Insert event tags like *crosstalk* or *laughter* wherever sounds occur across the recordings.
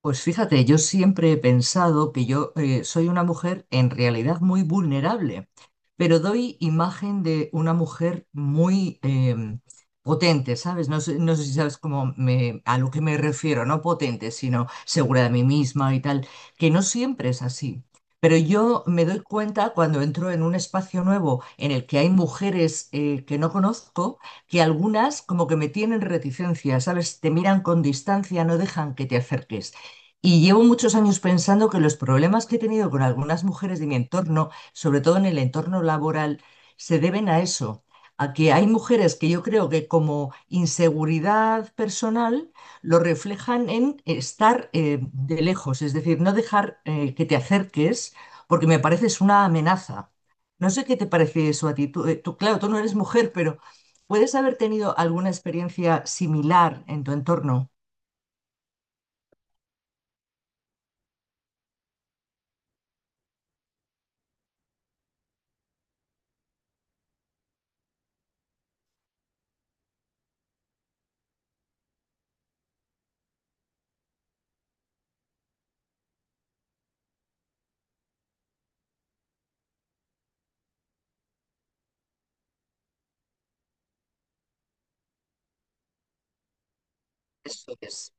Pues fíjate, yo siempre he pensado que yo soy una mujer en realidad muy vulnerable, pero doy imagen de una mujer muy potente, ¿sabes? No sé, no sé si sabes cómo me, a lo que me refiero, no potente, sino segura de mí misma y tal, que no siempre es así. Pero yo me doy cuenta cuando entro en un espacio nuevo en el que hay mujeres que no conozco, que algunas como que me tienen reticencia, ¿sabes? Te miran con distancia, no dejan que te acerques. Y llevo muchos años pensando que los problemas que he tenido con algunas mujeres de mi entorno, sobre todo en el entorno laboral, se deben a eso, a que hay mujeres que yo creo que como inseguridad personal lo reflejan en estar de lejos, es decir, no dejar que te acerques porque me pareces una amenaza. No sé qué te parece eso a ti. Tú, tú, claro, tú no eres mujer, pero ¿puedes haber tenido alguna experiencia similar en tu entorno? Eso es.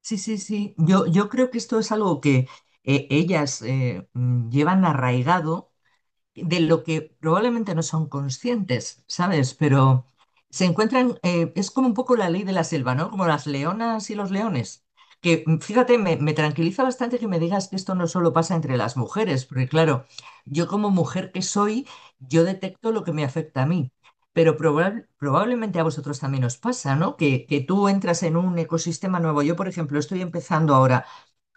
Sí, sí, sí. Yo creo que esto es algo que llevan arraigado de lo que probablemente no son conscientes, ¿sabes? Pero se encuentran, es como un poco la ley de la selva, ¿no? Como las leonas y los leones. Que fíjate, me tranquiliza bastante que me digas que esto no solo pasa entre las mujeres, porque claro, yo como mujer que soy, yo detecto lo que me afecta a mí. Pero probablemente a vosotros también os pasa, ¿no? Que tú entras en un ecosistema nuevo. Yo, por ejemplo, estoy empezando ahora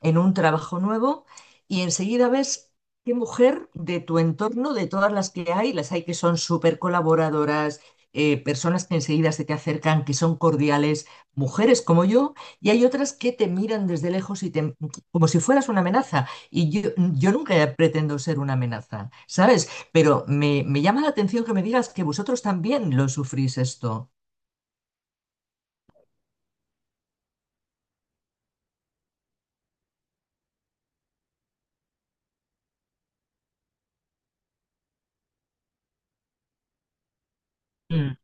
en un trabajo nuevo y enseguida ves. ¿Qué mujer de tu entorno, de todas las que hay, las hay que son súper colaboradoras, personas que enseguida se te acercan, que son cordiales, mujeres como yo, y hay otras que te miran desde lejos y te, como si fueras una amenaza? Y yo nunca pretendo ser una amenaza, ¿sabes? Pero me llama la atención que me digas que vosotros también lo sufrís esto. Mm,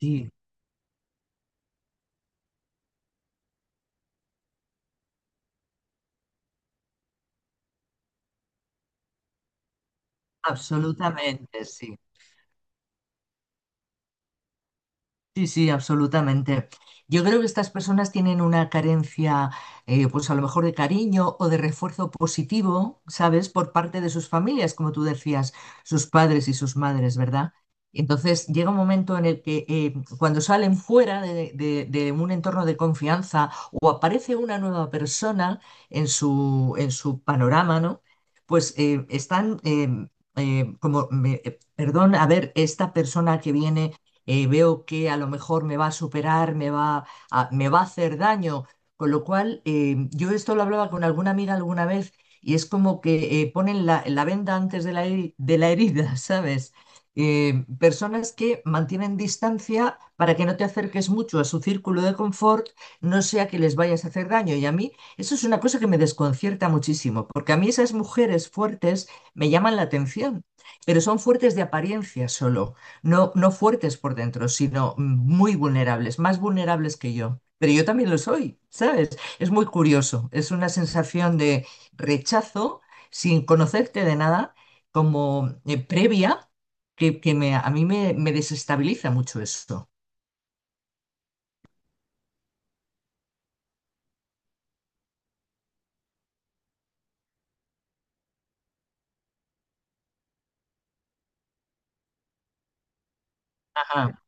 sí. Absolutamente, sí. Sí, sí, absolutamente. Yo creo que estas personas tienen una carencia, pues a lo mejor de cariño o de refuerzo positivo, ¿sabes? Por parte de sus familias, como tú decías, sus padres y sus madres, ¿verdad? Entonces llega un momento en el que cuando salen fuera de un entorno de confianza o aparece una nueva persona en en su panorama, ¿no? Pues perdón, a ver, esta persona que viene veo que a lo mejor me va a superar, me va a hacer daño. Con lo cual, yo esto lo hablaba con alguna amiga alguna vez y es como que ponen la venda antes de de la herida, *laughs* ¿sabes? Personas que mantienen distancia para que no te acerques mucho a su círculo de confort, no sea que les vayas a hacer daño. Y a mí eso es una cosa que me desconcierta muchísimo, porque a mí esas mujeres fuertes me llaman la atención, pero son fuertes de apariencia solo. No, no fuertes por dentro, sino muy vulnerables, más vulnerables que yo. Pero yo también lo soy, ¿sabes? Es muy curioso. Es una sensación de rechazo sin conocerte de nada, como previa, que me, me desestabiliza mucho esto. Ajá.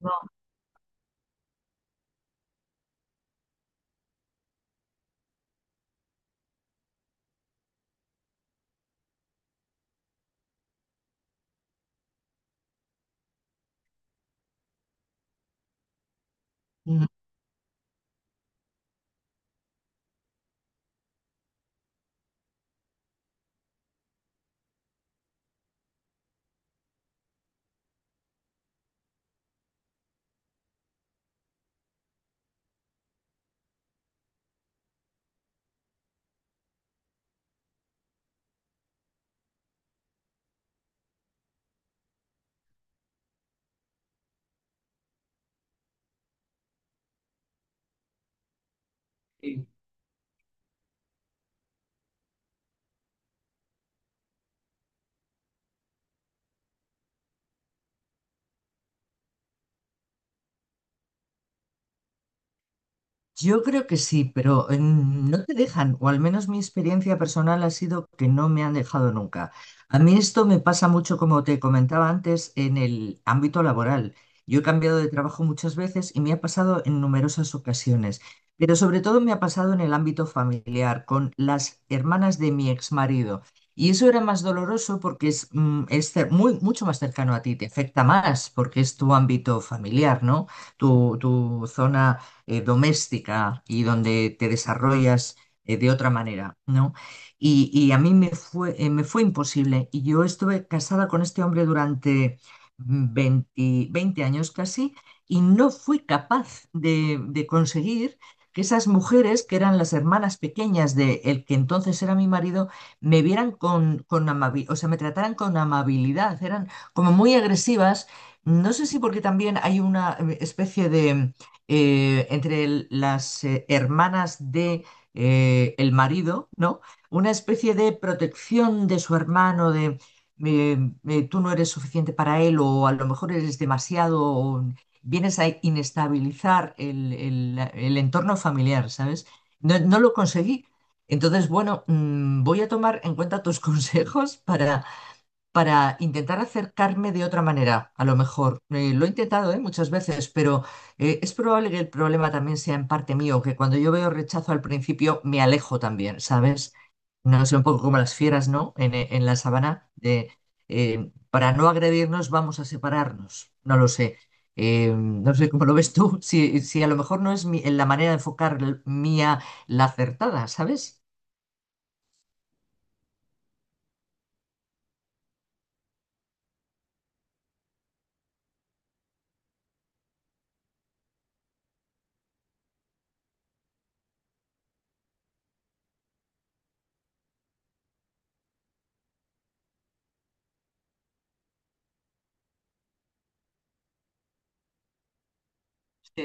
No. Ujú. Yo creo que sí, pero no te dejan, o al menos mi experiencia personal ha sido que no me han dejado nunca. A mí esto me pasa mucho, como te comentaba antes, en el ámbito laboral. Yo he cambiado de trabajo muchas veces y me ha pasado en numerosas ocasiones, pero sobre todo me ha pasado en el ámbito familiar, con las hermanas de mi ex marido. Y eso era más doloroso porque es, mucho más cercano a ti, te afecta más porque es tu ámbito familiar, ¿no? Tu zona doméstica y donde te desarrollas de otra manera, ¿no? Y a me fue imposible. Y yo estuve casada con este hombre durante 20 20 años casi y no fui capaz de conseguir que esas mujeres, que eran las hermanas pequeñas de el que entonces era mi marido, me vieran con amabilidad, o sea, me trataran con amabilidad, eran como muy agresivas. No sé si porque también hay una especie de, entre el- las hermanas de el marido, ¿no? Una especie de protección de su hermano, de eh, tú no eres suficiente para él o a lo mejor eres demasiado, o vienes a inestabilizar el entorno familiar, ¿sabes? No, no lo conseguí. Entonces, bueno, voy a tomar en cuenta tus *laughs* consejos para intentar acercarme de otra manera, a lo mejor. Lo he intentado, muchas veces, pero es probable que el problema también sea en parte mío, que cuando yo veo rechazo al principio me alejo también, ¿sabes? No sé, un poco como las fieras, ¿no? En la sabana, para no agredirnos vamos a separarnos, no lo sé. No sé cómo lo ves tú, si a lo mejor no es la manera de enfocar mía la acertada, ¿sabes? Sí.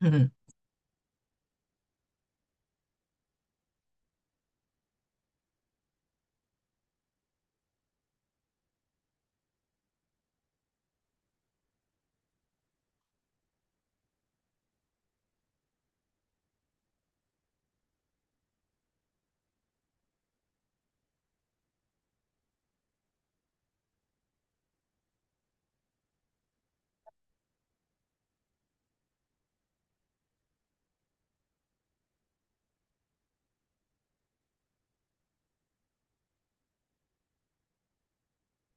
Ujú,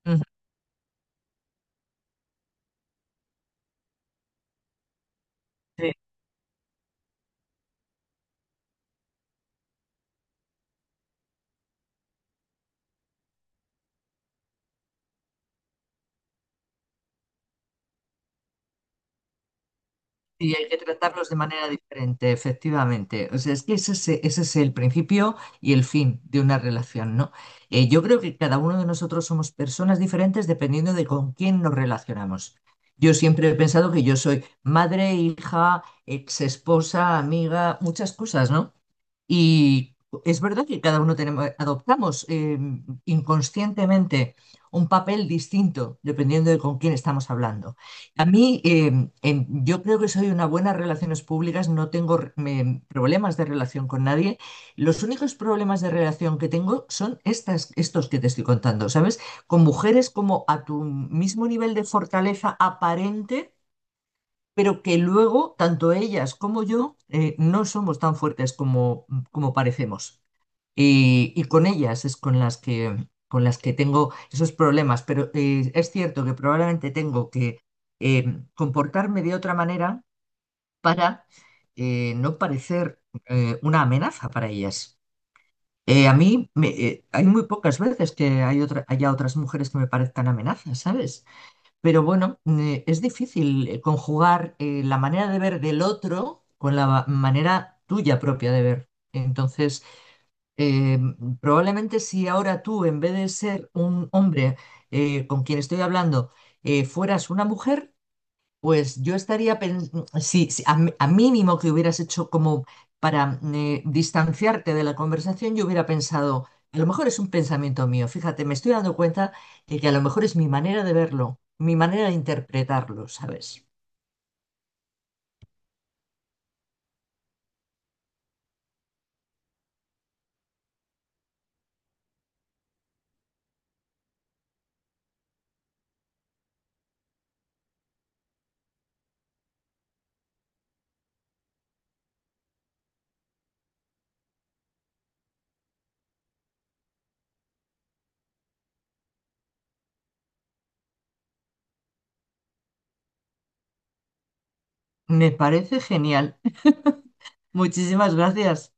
ujú. Y hay que tratarlos de manera diferente, efectivamente. O sea, es que ese es el principio y el fin de una relación, ¿no? Yo creo que cada uno de nosotros somos personas diferentes dependiendo de con quién nos relacionamos. Yo siempre he pensado que yo soy madre, hija, ex esposa, amiga, muchas cosas, ¿no? Y es verdad que cada uno tenemos, adoptamos inconscientemente un papel distinto dependiendo de con quién estamos hablando. A mí, yo creo que soy una buena en relaciones públicas, no tengo problemas de relación con nadie. Los únicos problemas de relación que tengo son estos que te estoy contando, ¿sabes? Con mujeres como a tu mismo nivel de fortaleza aparente pero que luego, tanto ellas como yo, no somos tan fuertes como, como parecemos. Y con ellas es con con las que tengo esos problemas, pero es cierto que probablemente tengo que eh, comportarme de otra manera para no parecer una amenaza para ellas. Hay muy pocas veces que haya otras mujeres que me parezcan amenazas, ¿sabes? Pero bueno, es difícil conjugar la manera de ver del otro con manera tuya propia de ver. Entonces, eh, probablemente si ahora tú, en vez de ser un hombre con quien estoy hablando, fueras una mujer, pues yo estaría pensando, si a mínimo que hubieras hecho como para distanciarte de la conversación, yo hubiera pensado, a lo mejor es un pensamiento mío, fíjate, me estoy dando cuenta de que a lo mejor es mi manera de verlo, mi manera de interpretarlo, ¿sabes? Me parece genial. *laughs* Muchísimas gracias.